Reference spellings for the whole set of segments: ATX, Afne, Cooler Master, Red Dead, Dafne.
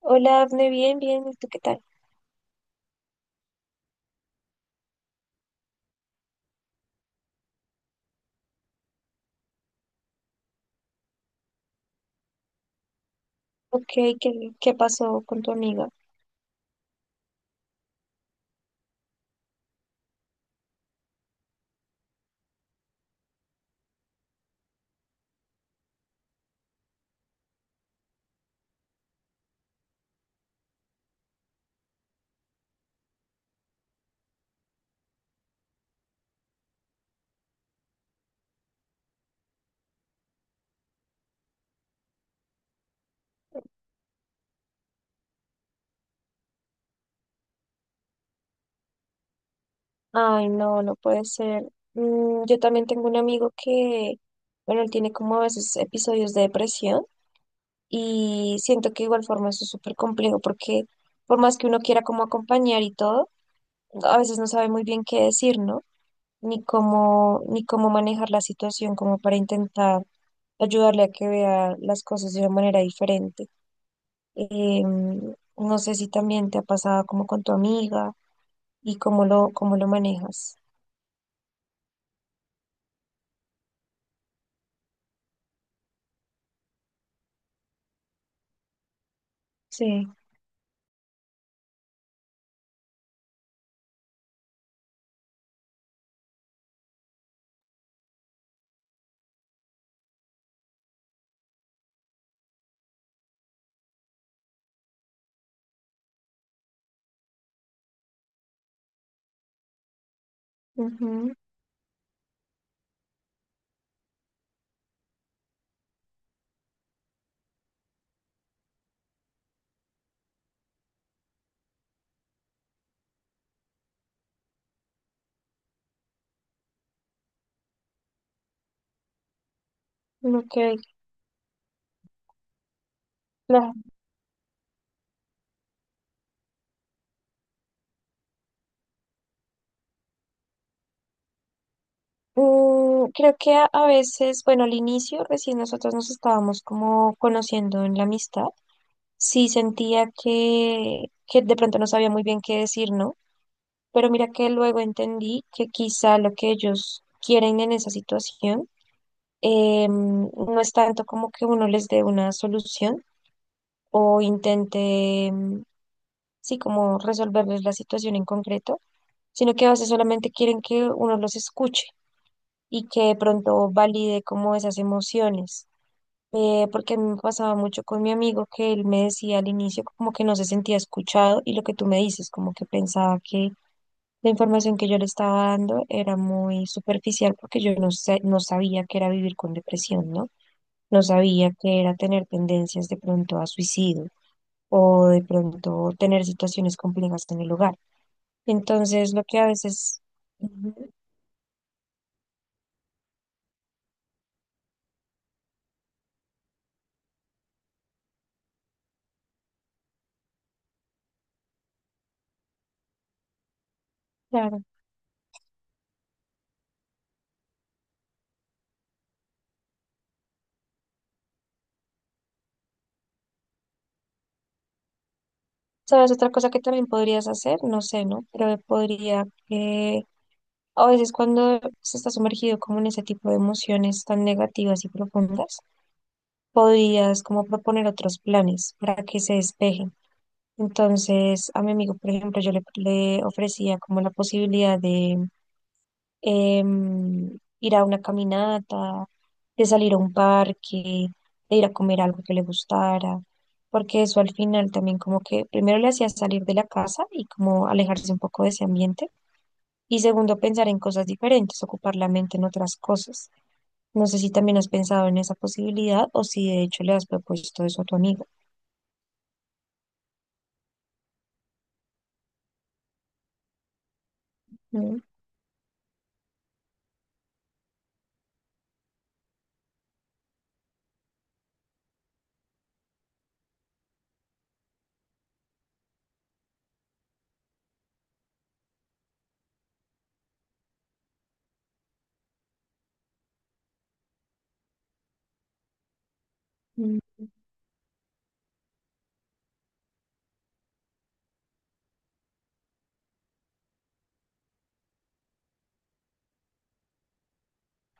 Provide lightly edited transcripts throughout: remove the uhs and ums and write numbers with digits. Hola, Afne, bien, bien, ¿y tú qué tal? Ok, ¿qué, ¿qué pasó con tu amiga? Ay, no, no puede ser. Mm, yo también tengo un amigo que, bueno, él tiene como a veces episodios de depresión y siento que de igual forma eso es súper complejo porque por más que uno quiera como acompañar y todo, a veces no sabe muy bien qué decir, ¿no? Ni cómo, ni cómo manejar la situación como para intentar ayudarle a que vea las cosas de una manera diferente. Eh, no sé si también te ha pasado como con tu amiga y cómo lo manejas. Sí. Ujú. Ok, claro. Mm, creo que a veces, bueno, al inicio recién nosotros nos estábamos como conociendo en la amistad. Sí sentía que de pronto no sabía muy bien qué decir, ¿no? Pero mira que luego entendí que quizá lo que ellos quieren en esa situación no es tanto como que uno les dé una solución, o intente, sí, como resolverles la situación en concreto, sino que a veces solamente quieren que uno los escuche y que de pronto valide como esas emociones. Porque a mí me pasaba mucho con mi amigo que él me decía al inicio como que no se sentía escuchado y lo que tú me dices, como que pensaba que la información que yo le estaba dando era muy superficial porque yo no sé, no sabía que era vivir con depresión, ¿no? No sabía que era tener tendencias de pronto a suicidio o de pronto tener situaciones complejas en el hogar. Entonces, lo que a veces, ujú, claro, ¿sabes? Otra cosa que también podrías hacer, no sé, ¿no? Pero podría que a veces cuando se está sumergido como en ese tipo de emociones tan negativas y profundas, podrías como proponer otros planes para que se despejen. Entonces, a mi amigo, por ejemplo, yo le ofrecía como la posibilidad de ir a una caminata, de salir a un parque, de ir a comer algo que le gustara, porque eso al final también como que primero le hacía salir de la casa y como alejarse un poco de ese ambiente, y segundo pensar en cosas diferentes, ocupar la mente en otras cosas. No sé si también has pensado en esa posibilidad o si de hecho le has propuesto eso a tu amiga. ¿No? Mm.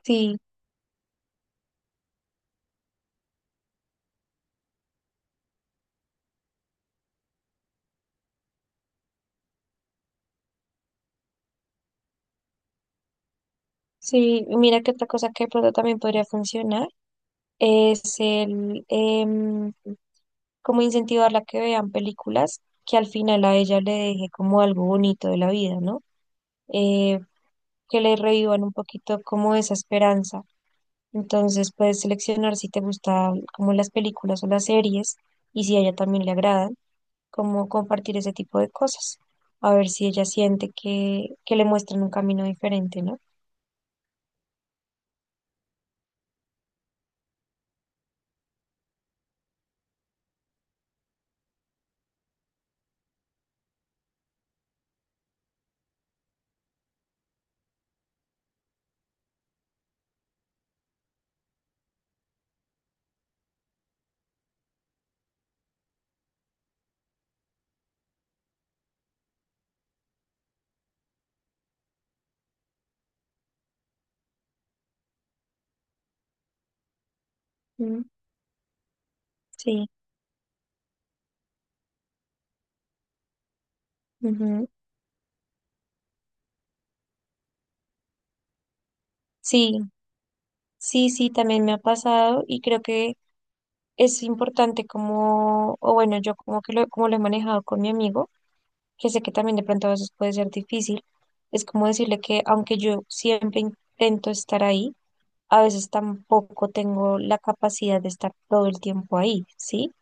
Sí, sí, mira que otra cosa que de pronto también podría funcionar es como incentivarla a que vean películas que al final a ella le deje como algo bonito de la vida, ¿no? Eh, que le revivan un poquito como esa esperanza. Entonces puedes seleccionar si te gustan como las películas o las series y si a ella también le agradan, como compartir ese tipo de cosas. A ver si ella siente que le muestran un camino diferente, ¿no? Mm, sí. Ujú. Sí, sí, sí, también me ha pasado y creo que es importante como, o bueno, yo como que lo, como lo he manejado con mi amigo, que sé que también de pronto a veces puede ser difícil, es como decirle que aunque yo siempre intento estar ahí, a veces tampoco tengo la capacidad de estar todo el tiempo ahí, ¿sí?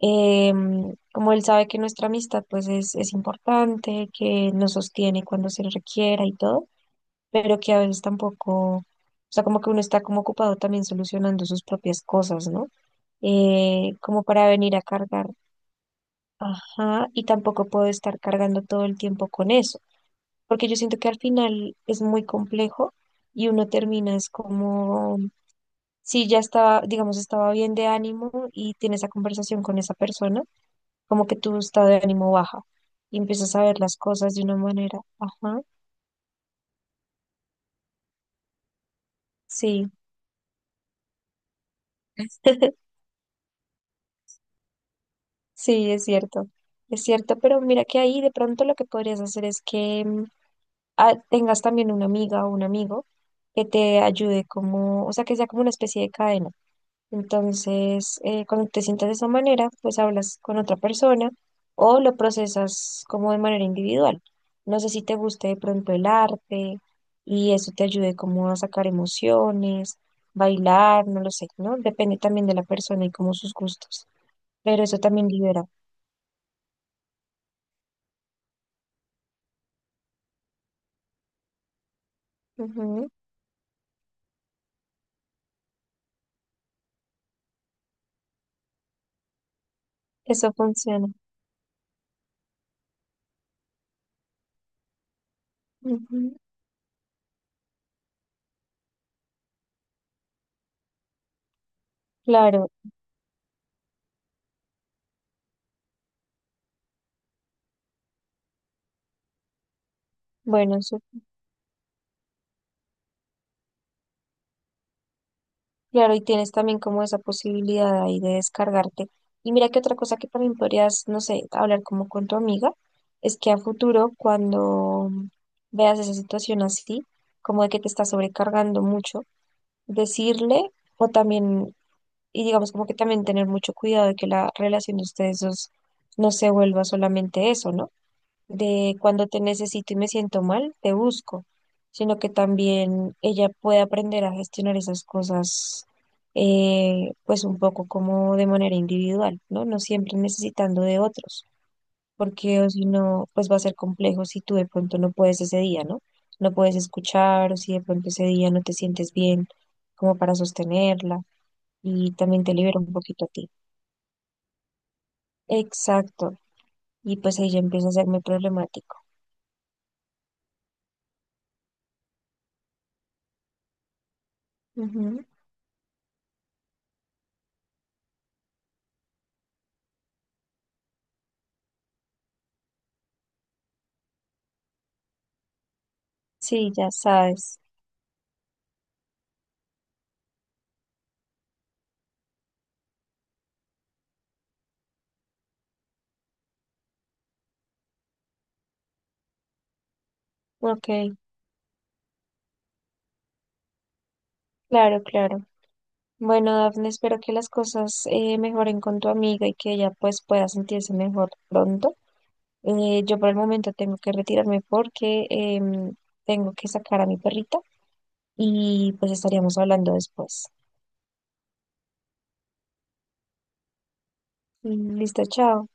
Em, como él sabe que nuestra amistad pues es importante, que nos sostiene cuando se requiera y todo, pero que a veces tampoco, o sea, como que uno está como ocupado también solucionando sus propias cosas, ¿no? Como para venir a cargar, ajá, y tampoco puedo estar cargando todo el tiempo con eso, porque yo siento que al final es muy complejo y uno termina es como, si ya estaba, digamos, estaba bien de ánimo y tiene esa conversación con esa persona, como que tu estado de ánimo baja y empiezas a ver las cosas de una manera, ajá, sí. Sí, es cierto, pero mira que ahí de pronto lo que podrías hacer es que tengas también una amiga o un amigo que te ayude como, o sea, que sea como una especie de cadena. Entonces, cuando te sientas de esa manera, pues hablas con otra persona o lo procesas como de manera individual. No sé si te guste de pronto el arte y eso te ayude como a sacar emociones, bailar, no lo sé, ¿no? Depende también de la persona y como sus gustos, pero eso también libera. Ujú. Eso funciona. Ujú. Claro, bueno, eso, claro, y tienes también como esa posibilidad ahí de descargarte. Y mira que otra cosa que también podrías, no sé, hablar como con tu amiga, es que a futuro, cuando veas esa situación así, como de que te está sobrecargando mucho, decirle o también, y digamos como que también tener mucho cuidado de que la relación de ustedes dos no se vuelva solamente eso, ¿no? De cuando te necesito y me siento mal, te busco, sino que también ella puede aprender a gestionar esas cosas, pues un poco como de manera individual, ¿no? No siempre necesitando de otros, porque o si no, pues va a ser complejo si tú de pronto no puedes ese día, ¿no? No puedes escuchar o si de pronto ese día no te sientes bien como para sostenerla y también te libera un poquito a ti. Exacto. Y pues ahí ya empieza a hacerme problemático. Ujú. Sí, ya sabes. Ok, claro, claro. Bueno, Dafne, espero que las cosas mejoren con tu amiga y que ella pues pueda sentirse mejor pronto. Yo por el momento tengo que retirarme porque em, tengo que sacar a mi perrita y pues estaríamos hablando después. Listo, chao.